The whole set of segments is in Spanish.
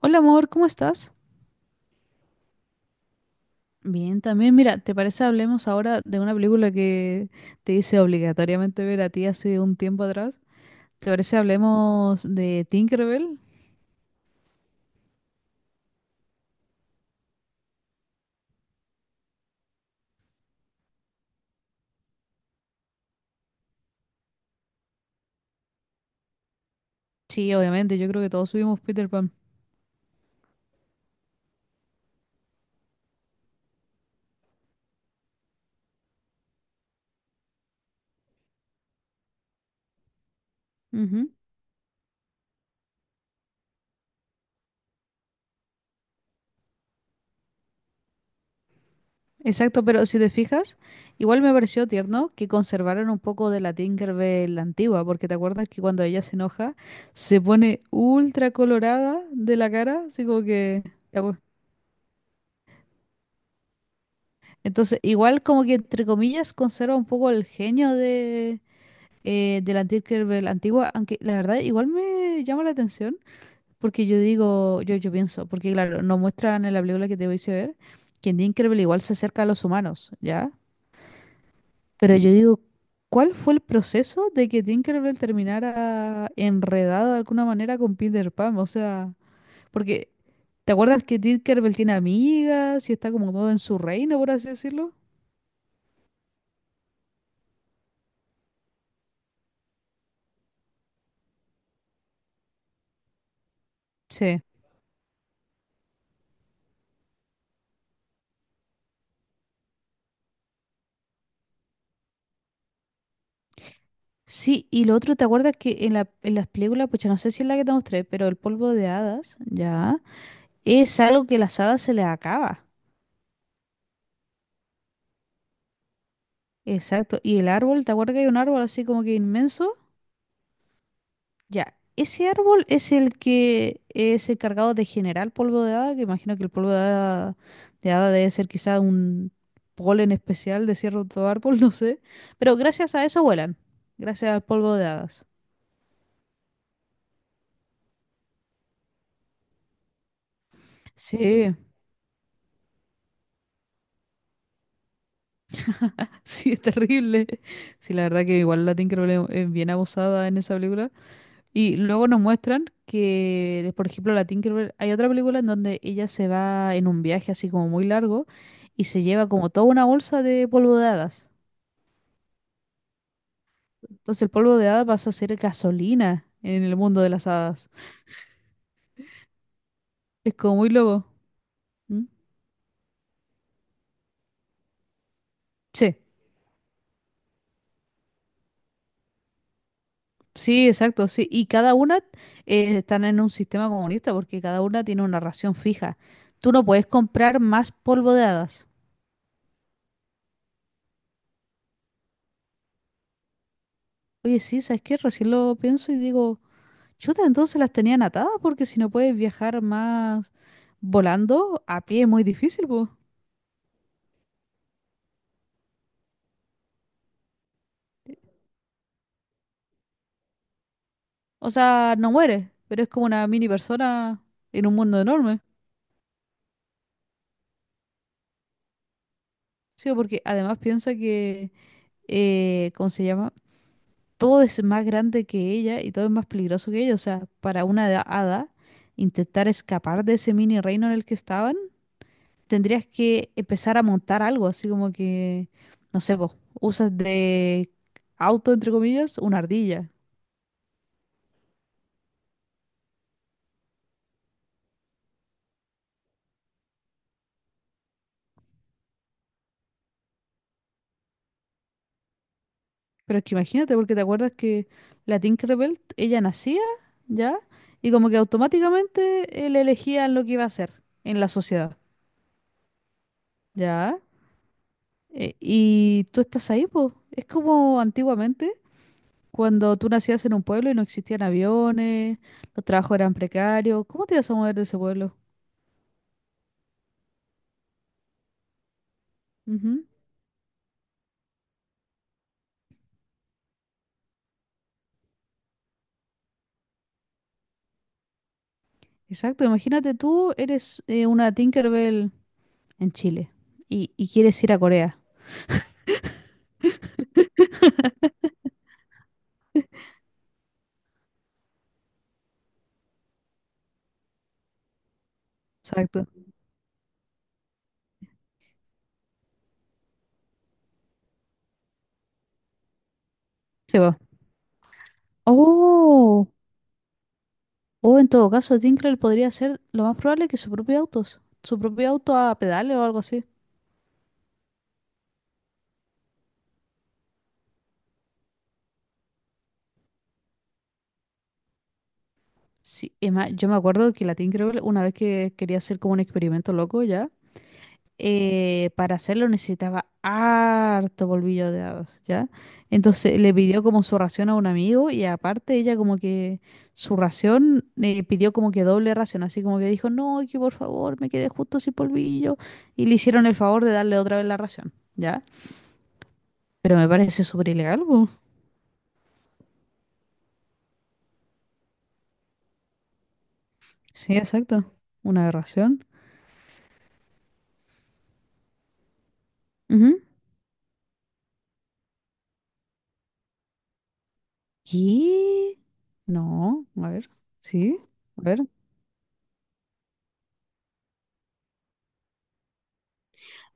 Hola amor, ¿cómo estás? Bien, también, mira, ¿te parece hablemos ahora de una película que te hice obligatoriamente ver a ti hace un tiempo atrás? ¿Te parece hablemos de Tinkerbell? Sí, obviamente, yo creo que todos subimos Peter Pan. Ujú. Exacto, pero si te fijas, igual me pareció tierno que conservaron un poco de la Tinkerbell antigua, porque te acuerdas que cuando ella se enoja se pone ultra colorada de la cara, así como que. Entonces, igual como que entre comillas conserva un poco el genio de la Tinkerbell antigua, aunque la verdad igual me llama la atención, porque yo digo, yo pienso, porque claro, nos muestran en la película que te voy a ver, que en Tinkerbell igual se acerca a los humanos, ¿ya? Pero yo digo, ¿cuál fue el proceso de que Tinkerbell terminara enredado de alguna manera con Peter Pan? O sea, porque, ¿te acuerdas que Tinkerbell tiene amigas y está como todo en su reino, por así decirlo? Sí. Sí, y lo otro, ¿te acuerdas que en las películas, pues no sé si es la que te mostré, pero el polvo de hadas, ya, es algo que las hadas se les acaba. Exacto. Y el árbol, ¿te acuerdas que hay un árbol así como que inmenso? Ya, ese árbol es el que es encargado de generar polvo de hada, que imagino que el polvo de hada debe ser quizá un polen especial de cierto árbol, no sé. Pero gracias a eso vuelan, gracias al polvo de hadas. Sí. Sí, es terrible. Sí, la verdad que igual la Tinkerbell es bien abusada en esa película. Y luego nos muestran que, por ejemplo, la Tinkerbell, hay otra película en donde ella se va en un viaje así como muy largo y se lleva como toda una bolsa de polvo de hadas. Entonces el polvo de hadas pasa a ser gasolina en el mundo de las hadas. Es como muy loco. ¿Mm? Sí, sí, exacto, sí. Y cada una, están en un sistema comunista porque cada una tiene una ración fija. Tú no puedes comprar más polvo de hadas. Oye, sí, ¿sabes qué? Recién lo pienso y digo, chuta, entonces las tenían atadas porque si no puedes viajar más volando, a pie es muy difícil, pues. O sea, no mueres, pero es como una mini persona en un mundo enorme. Sí, porque además piensa que, ¿cómo se llama? Todo es más grande que ella y todo es más peligroso que ella. O sea, para una hada, intentar escapar de ese mini reino en el que estaba tendrías que empezar a montar algo, así como que, no sé, vos, usas de auto, entre comillas, una ardilla. Pero es que imagínate, porque te acuerdas que la Tinkerbell, ella nacía, ¿ya? Y como que automáticamente él elegía lo que iba a hacer en la sociedad, ¿ya? Y tú estás ahí, pues. Es como antiguamente, cuando tú nacías en un pueblo y no existían aviones, los trabajos eran precarios. ¿Cómo te ibas a mover de ese pueblo? Ujú. Exacto, imagínate tú eres una Tinkerbell en Chile y, quieres ir a Corea. Exacto. Sí, va. Oh, o en todo caso, Tinkerbell podría ser lo más probable que su propio auto a pedales o algo así. Sí, es más, yo me acuerdo que la Tinkerbell, una vez que quería hacer como un experimento loco ya, para hacerlo necesitaba harto polvillo de hadas, ¿ya? Entonces le pidió como su ración a un amigo y aparte ella como que su ración, pidió como que doble ración, así como que dijo, no, que por favor me quedé justo sin polvillo y le hicieron el favor de darle otra vez la ración, ¿ya? Pero me parece súper ilegal, po. Sí, exacto, una aberración. Ujú. ¿Qué? No, a ver, sí, a ver.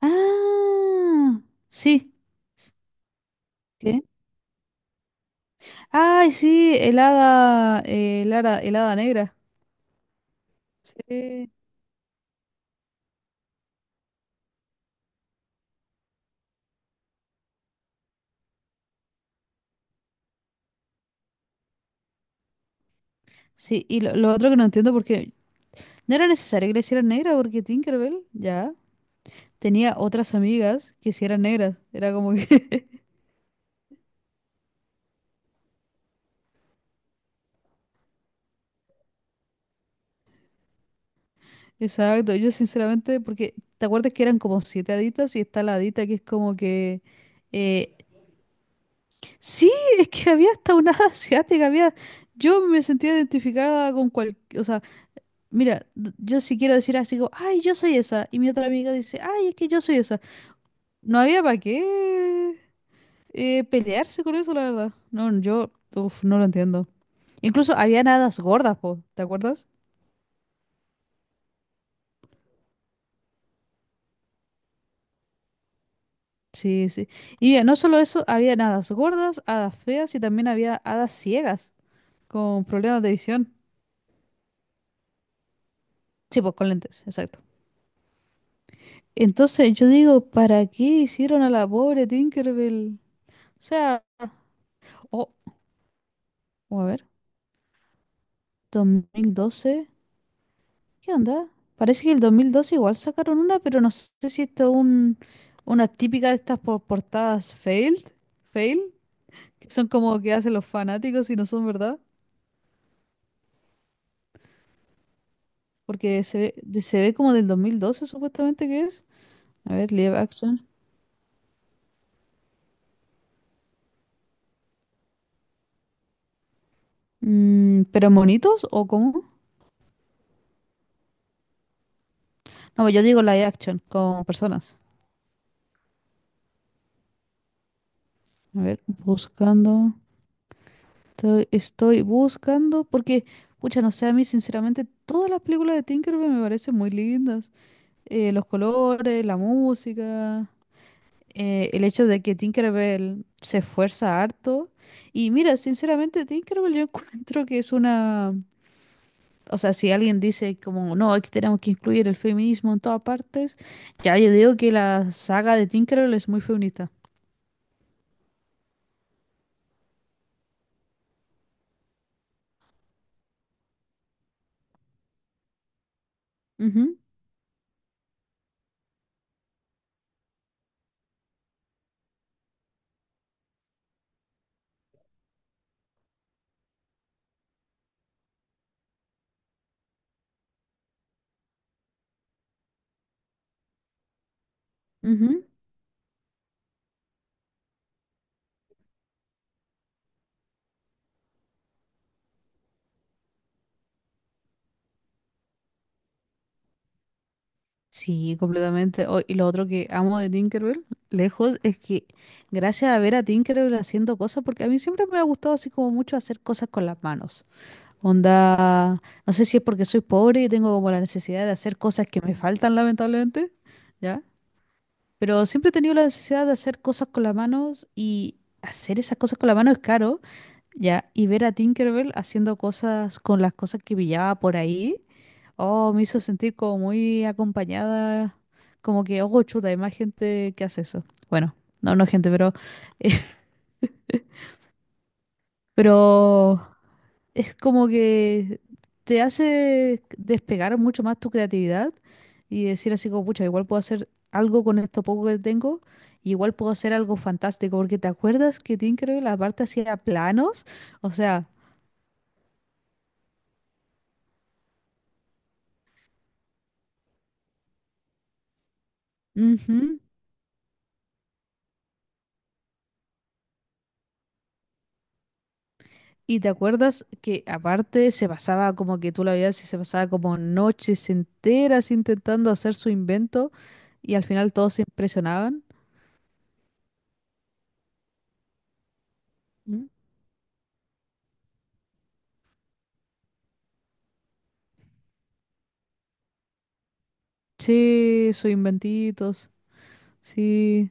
Ah, sí. ¿Qué? Ay, sí, el hada, negra. Sí. Sí, y lo otro que no entiendo porque no era necesario que le hicieran negra porque Tinkerbell ya tenía otras amigas que sí eran negras. Era como que. Exacto, yo sinceramente, porque ¿te acuerdas que eran como siete haditas y está la hadita que es como que. eh, sí, es que había hasta una hada asiática, había. Yo me sentía identificada con cual. O sea, mira, yo si quiero decir así como, ay, yo soy esa. Y mi otra amiga dice, ay, es que yo soy esa. No había para qué, pelearse con eso, la verdad. No, yo, uf, no lo entiendo. Incluso había hadas gordas, po, ¿te acuerdas? Sí, sí. Y mira, no solo eso, había hadas gordas, hadas feas y también había hadas ciegas con problemas de visión. Sí, pues con lentes, exacto. Entonces yo digo, ¿para qué hicieron a la pobre Tinkerbell? O sea, oh, a ver, 2012. ¿Qué onda? Parece que el 2012 igual sacaron una, pero no sé si esto es una típica de estas portadas fail, que son como que hacen los fanáticos y no son verdad, porque se ve, se ve como del 2012 supuestamente que es. A ver, live action. Mm, ¿pero monitos o cómo? No, pues yo digo live action, con personas. A ver, buscando. Estoy buscando, porque, pucha, no sé, a mí sinceramente todas las películas de Tinkerbell me parecen muy lindas, los colores, la música, el hecho de que Tinkerbell se esfuerza harto. Y mira, sinceramente, Tinkerbell yo encuentro que es una. O sea, si alguien dice como, no, aquí tenemos que incluir el feminismo en todas partes, ya yo digo que la saga de Tinkerbell es muy feminista. Ujú, ujú. Sí, completamente. Oh, y lo otro que amo de Tinkerbell, lejos, es que gracias a ver a Tinkerbell haciendo cosas, porque a mí siempre me ha gustado así como mucho hacer cosas con las manos. Onda, no sé si es porque soy pobre y tengo como la necesidad de hacer cosas que me faltan, lamentablemente, ¿ya? Pero siempre he tenido la necesidad de hacer cosas con las manos y hacer esas cosas con las manos es caro, ¿ya? Y ver a Tinkerbell haciendo cosas con las cosas que pillaba por ahí, oh, me hizo sentir como muy acompañada, como que, oh, chuta, hay más gente que hace eso. Bueno, no, no gente, pero. Pero es como que te hace despegar mucho más tu creatividad y decir así como, pucha, igual puedo hacer algo con esto poco que tengo, igual puedo hacer algo fantástico, porque te acuerdas que Tinkerbell aparte hacía planos, o sea, ujú. Y te acuerdas que aparte se pasaba como que tú la veías y se pasaba como noches enteras intentando hacer su invento y al final todos se impresionaban. ¿Mm? Sí, sus inventitos, sí.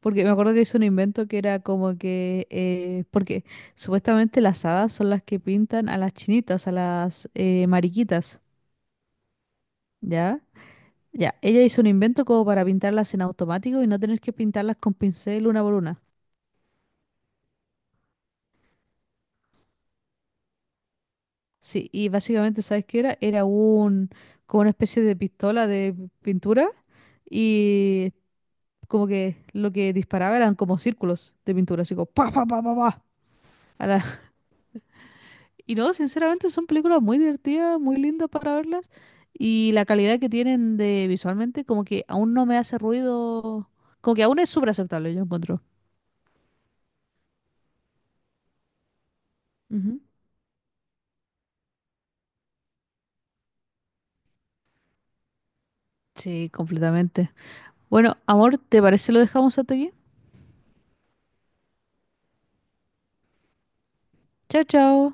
Porque me acuerdo que hizo un invento que era como que, porque supuestamente las hadas son las que pintan a las chinitas, a las, mariquitas, ¿ya? Ya, ella hizo un invento como para pintarlas en automático y no tener que pintarlas con pincel una por una. Sí, y básicamente, ¿sabes qué era? Era como una especie de pistola de pintura y como que lo que disparaba eran como círculos de pintura, así como pa, pa, pa, pa, pa, a la- Y no, sinceramente son películas muy divertidas, muy lindas para verlas. Y la calidad que tienen de visualmente, como que aún no me hace ruido. Como que aún es súper aceptable, yo encuentro. Ujú. Sí, completamente. Bueno, amor, ¿te parece lo dejamos hasta aquí? Chao, chao.